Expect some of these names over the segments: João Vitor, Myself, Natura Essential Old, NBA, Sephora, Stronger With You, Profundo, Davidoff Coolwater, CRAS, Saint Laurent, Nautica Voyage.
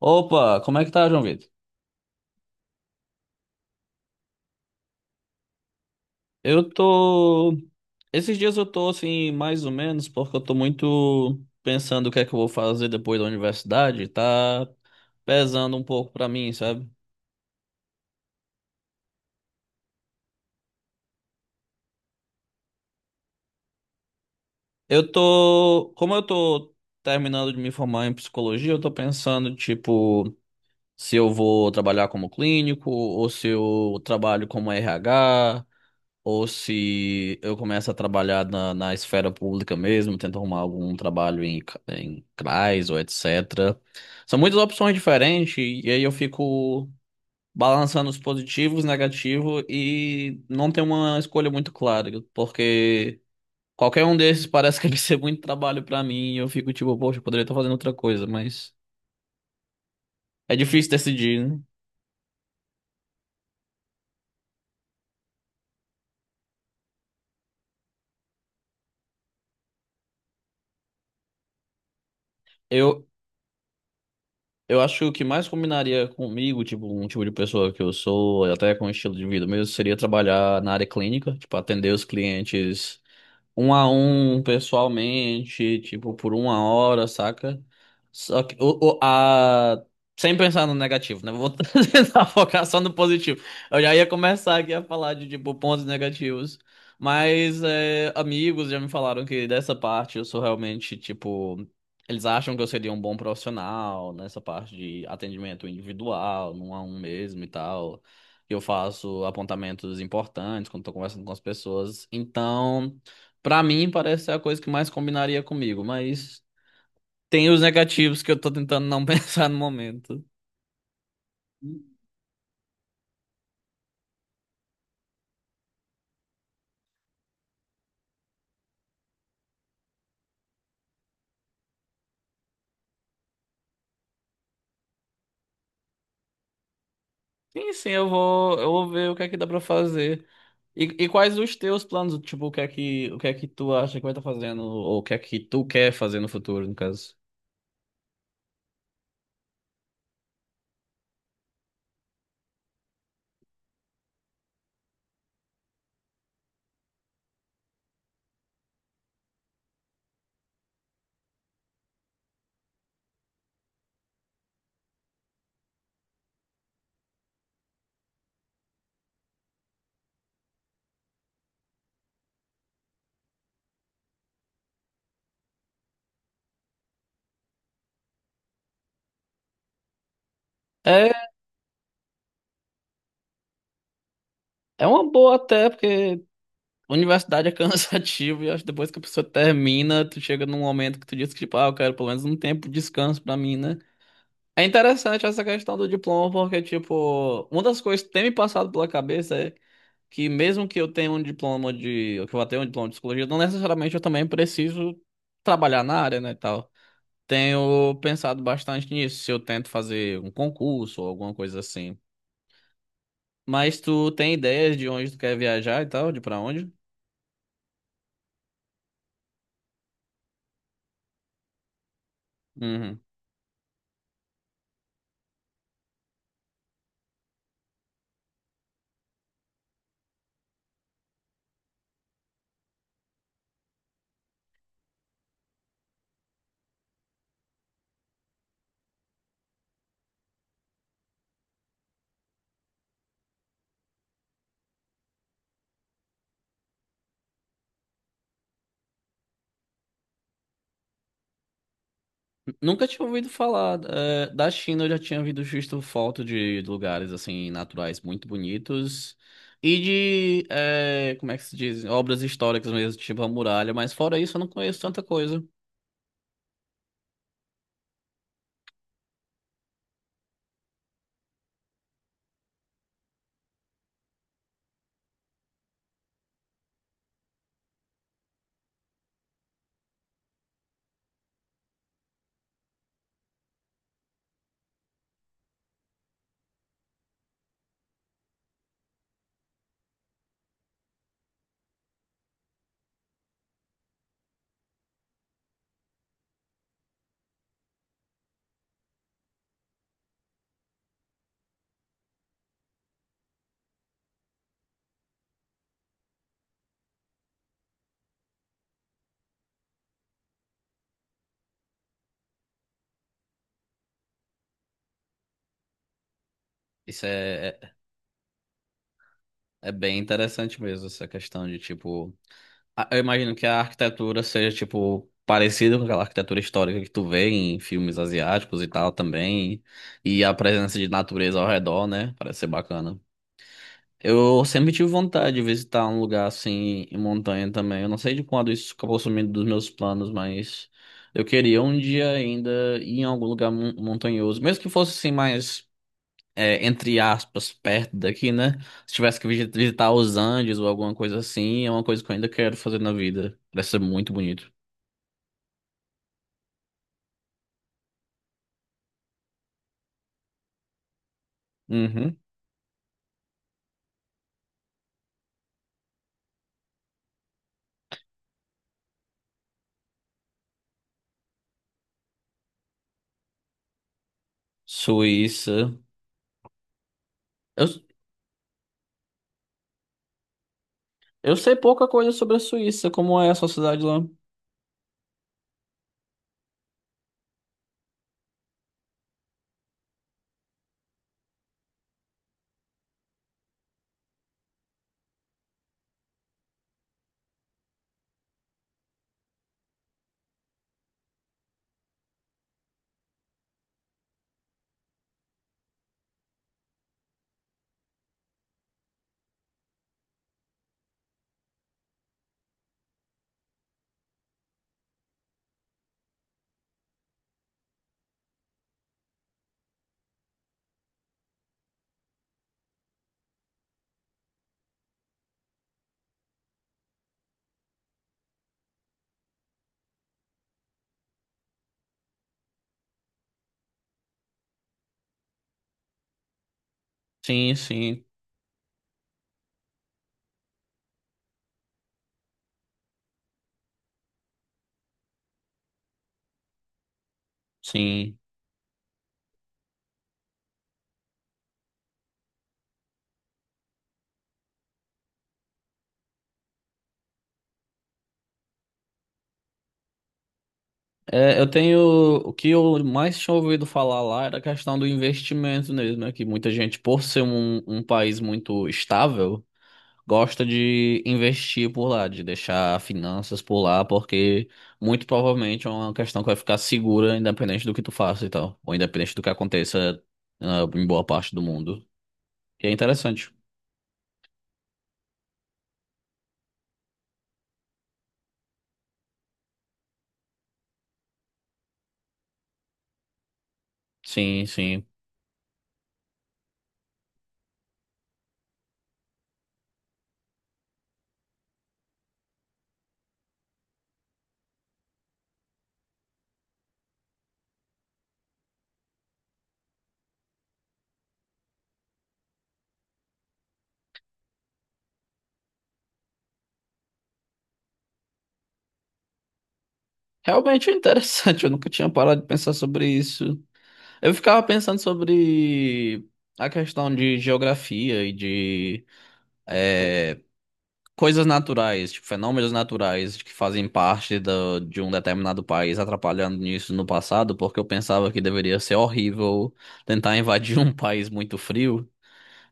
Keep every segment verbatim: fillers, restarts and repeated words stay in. Opa, como é que tá, João Vitor? Eu tô. Esses dias eu tô assim, mais ou menos, porque eu tô muito pensando o que é que eu vou fazer depois da universidade, tá pesando um pouco pra mim, sabe? Eu tô. Como eu tô terminando de me formar em psicologia, eu tô pensando, tipo, se eu vou trabalhar como clínico ou se eu trabalho como R H. Ou se eu começo a trabalhar na, na esfera pública mesmo, tento arrumar algum trabalho em, ca- em CRAS ou etcétera. São muitas opções diferentes e aí eu fico balançando os positivos, negativos e não tenho uma escolha muito clara, porque qualquer um desses parece que vai ser muito trabalho pra mim e eu fico tipo, poxa, eu poderia estar fazendo outra coisa, mas é difícil decidir, né? Eu, Eu acho que o que mais combinaria comigo, tipo, um tipo de pessoa que eu sou, e até com o estilo de vida mesmo, seria trabalhar na área clínica, tipo, atender os clientes um a um pessoalmente, tipo, por uma hora, saca? Só que o, o- a... sem pensar no negativo, né? Vou tentar focar só no positivo. Eu já ia começar aqui a falar de, tipo, pontos negativos. Mas é, amigos já me falaram que dessa parte eu sou realmente, tipo. Eles acham que eu seria um bom profissional nessa parte de atendimento individual, num a um mesmo e tal. Eu faço apontamentos importantes quando estou conversando com as pessoas. Então, pra mim, parece ser a coisa que mais combinaria comigo, mas tem os negativos que eu tô tentando não pensar no momento. Sim, sim, eu vou, eu vou ver o que é que dá pra fazer. E, e quais os teus planos? Tipo, o que é que, o que é que tu acha que vai estar fazendo? Ou o que é que tu quer fazer no futuro, no caso? É, é uma boa até, porque universidade é cansativo e acho que depois que a pessoa termina, tu chega num momento que tu diz que, tipo, ah, eu quero pelo menos um tempo de descanso pra mim, né? É interessante essa questão do diploma, porque, tipo, uma das coisas que tem me passado pela cabeça é que mesmo que eu tenha um diploma de, que eu vá ter um diploma de psicologia, não necessariamente eu também preciso trabalhar na área, né, e tal. Tenho pensado bastante nisso, se eu tento fazer um concurso ou alguma coisa assim. Mas tu tem ideias de onde tu quer viajar e tal, de pra onde? Uhum. Nunca tinha ouvido falar. Eh, da China eu já tinha ouvido visto foto de lugares assim naturais muito bonitos e de eh, como é que se diz? Obras históricas mesmo, tipo a muralha, mas fora isso eu não conheço tanta coisa. Isso é, é, É bem interessante mesmo, essa questão de tipo. a- Eu imagino que a arquitetura seja tipo parecida com aquela arquitetura histórica que tu vê em filmes asiáticos e tal também. E a presença de natureza ao redor, né? Parece ser bacana. Eu sempre tive vontade de visitar um lugar assim em montanha também. Eu não sei de quando isso acabou sumindo dos meus planos, mas eu queria um dia ainda ir em algum lugar mon- montanhoso, mesmo que fosse assim mais é, entre aspas perto daqui, né? Se tivesse que visi- visitar os Andes ou alguma coisa assim, é uma coisa que eu ainda quero fazer na vida. Parece ser muito bonito. Uhum. Suíça. Eu, eu sei pouca coisa sobre a Suíça, como é a sociedade lá. Sim, sim, sim. É, eu tenho. O que eu mais tinha ouvido falar lá era a questão do investimento mesmo, né? Que muita gente, por ser um, um país muito estável, gosta de investir por lá, de deixar finanças por lá, porque muito provavelmente é uma questão que vai ficar segura, independente do que tu faça e tal, ou independente do que aconteça, ah, em boa parte do mundo. E é interessante. Sim, sim. Realmente é interessante, eu nunca tinha parado de pensar sobre isso. Eu ficava pensando sobre a questão de geografia e de eh, coisas naturais, tipo, fenômenos naturais que fazem parte do- de um determinado país atrapalhando nisso no passado, porque eu pensava que deveria ser horrível tentar invadir um país muito frio.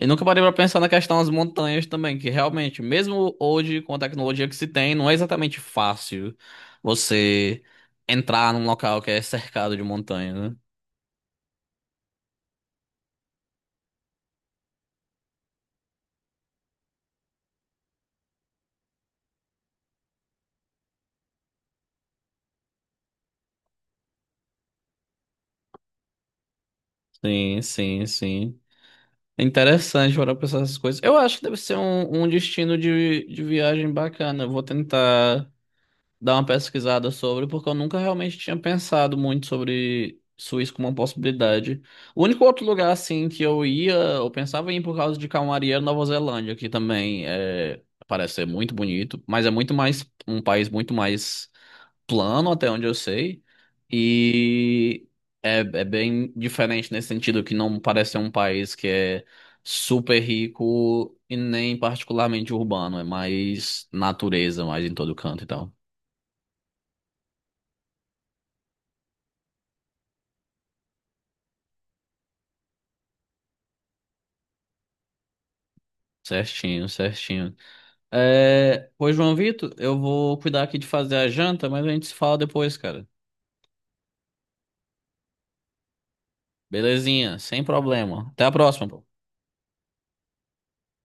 E nunca parei pra pensar na questão das montanhas também, que realmente, mesmo hoje, com a tecnologia que se tem, não é exatamente fácil você entrar num local que é cercado de montanha, né? Sim, sim, sim. É interessante para pensar essas coisas. Eu acho que deve ser um, um destino de, de viagem bacana. Eu vou tentar dar uma pesquisada sobre, porque eu nunca realmente tinha pensado muito sobre Suíça como uma possibilidade. O único outro lugar, assim, que eu ia, eu pensava em ir por causa de calmaria era Nova Zelândia, que também é, parece ser muito bonito, mas é muito mais, um país muito mais plano, até onde eu sei, e é, é bem diferente nesse sentido, que não parece ser um país que é super rico e nem particularmente urbano, é mais natureza, mais em todo canto e tal. Certinho, certinho. É, pois, João Vitor, eu vou cuidar aqui de fazer a janta, mas a gente se fala depois, cara. Belezinha, sem problema. Até a próxima.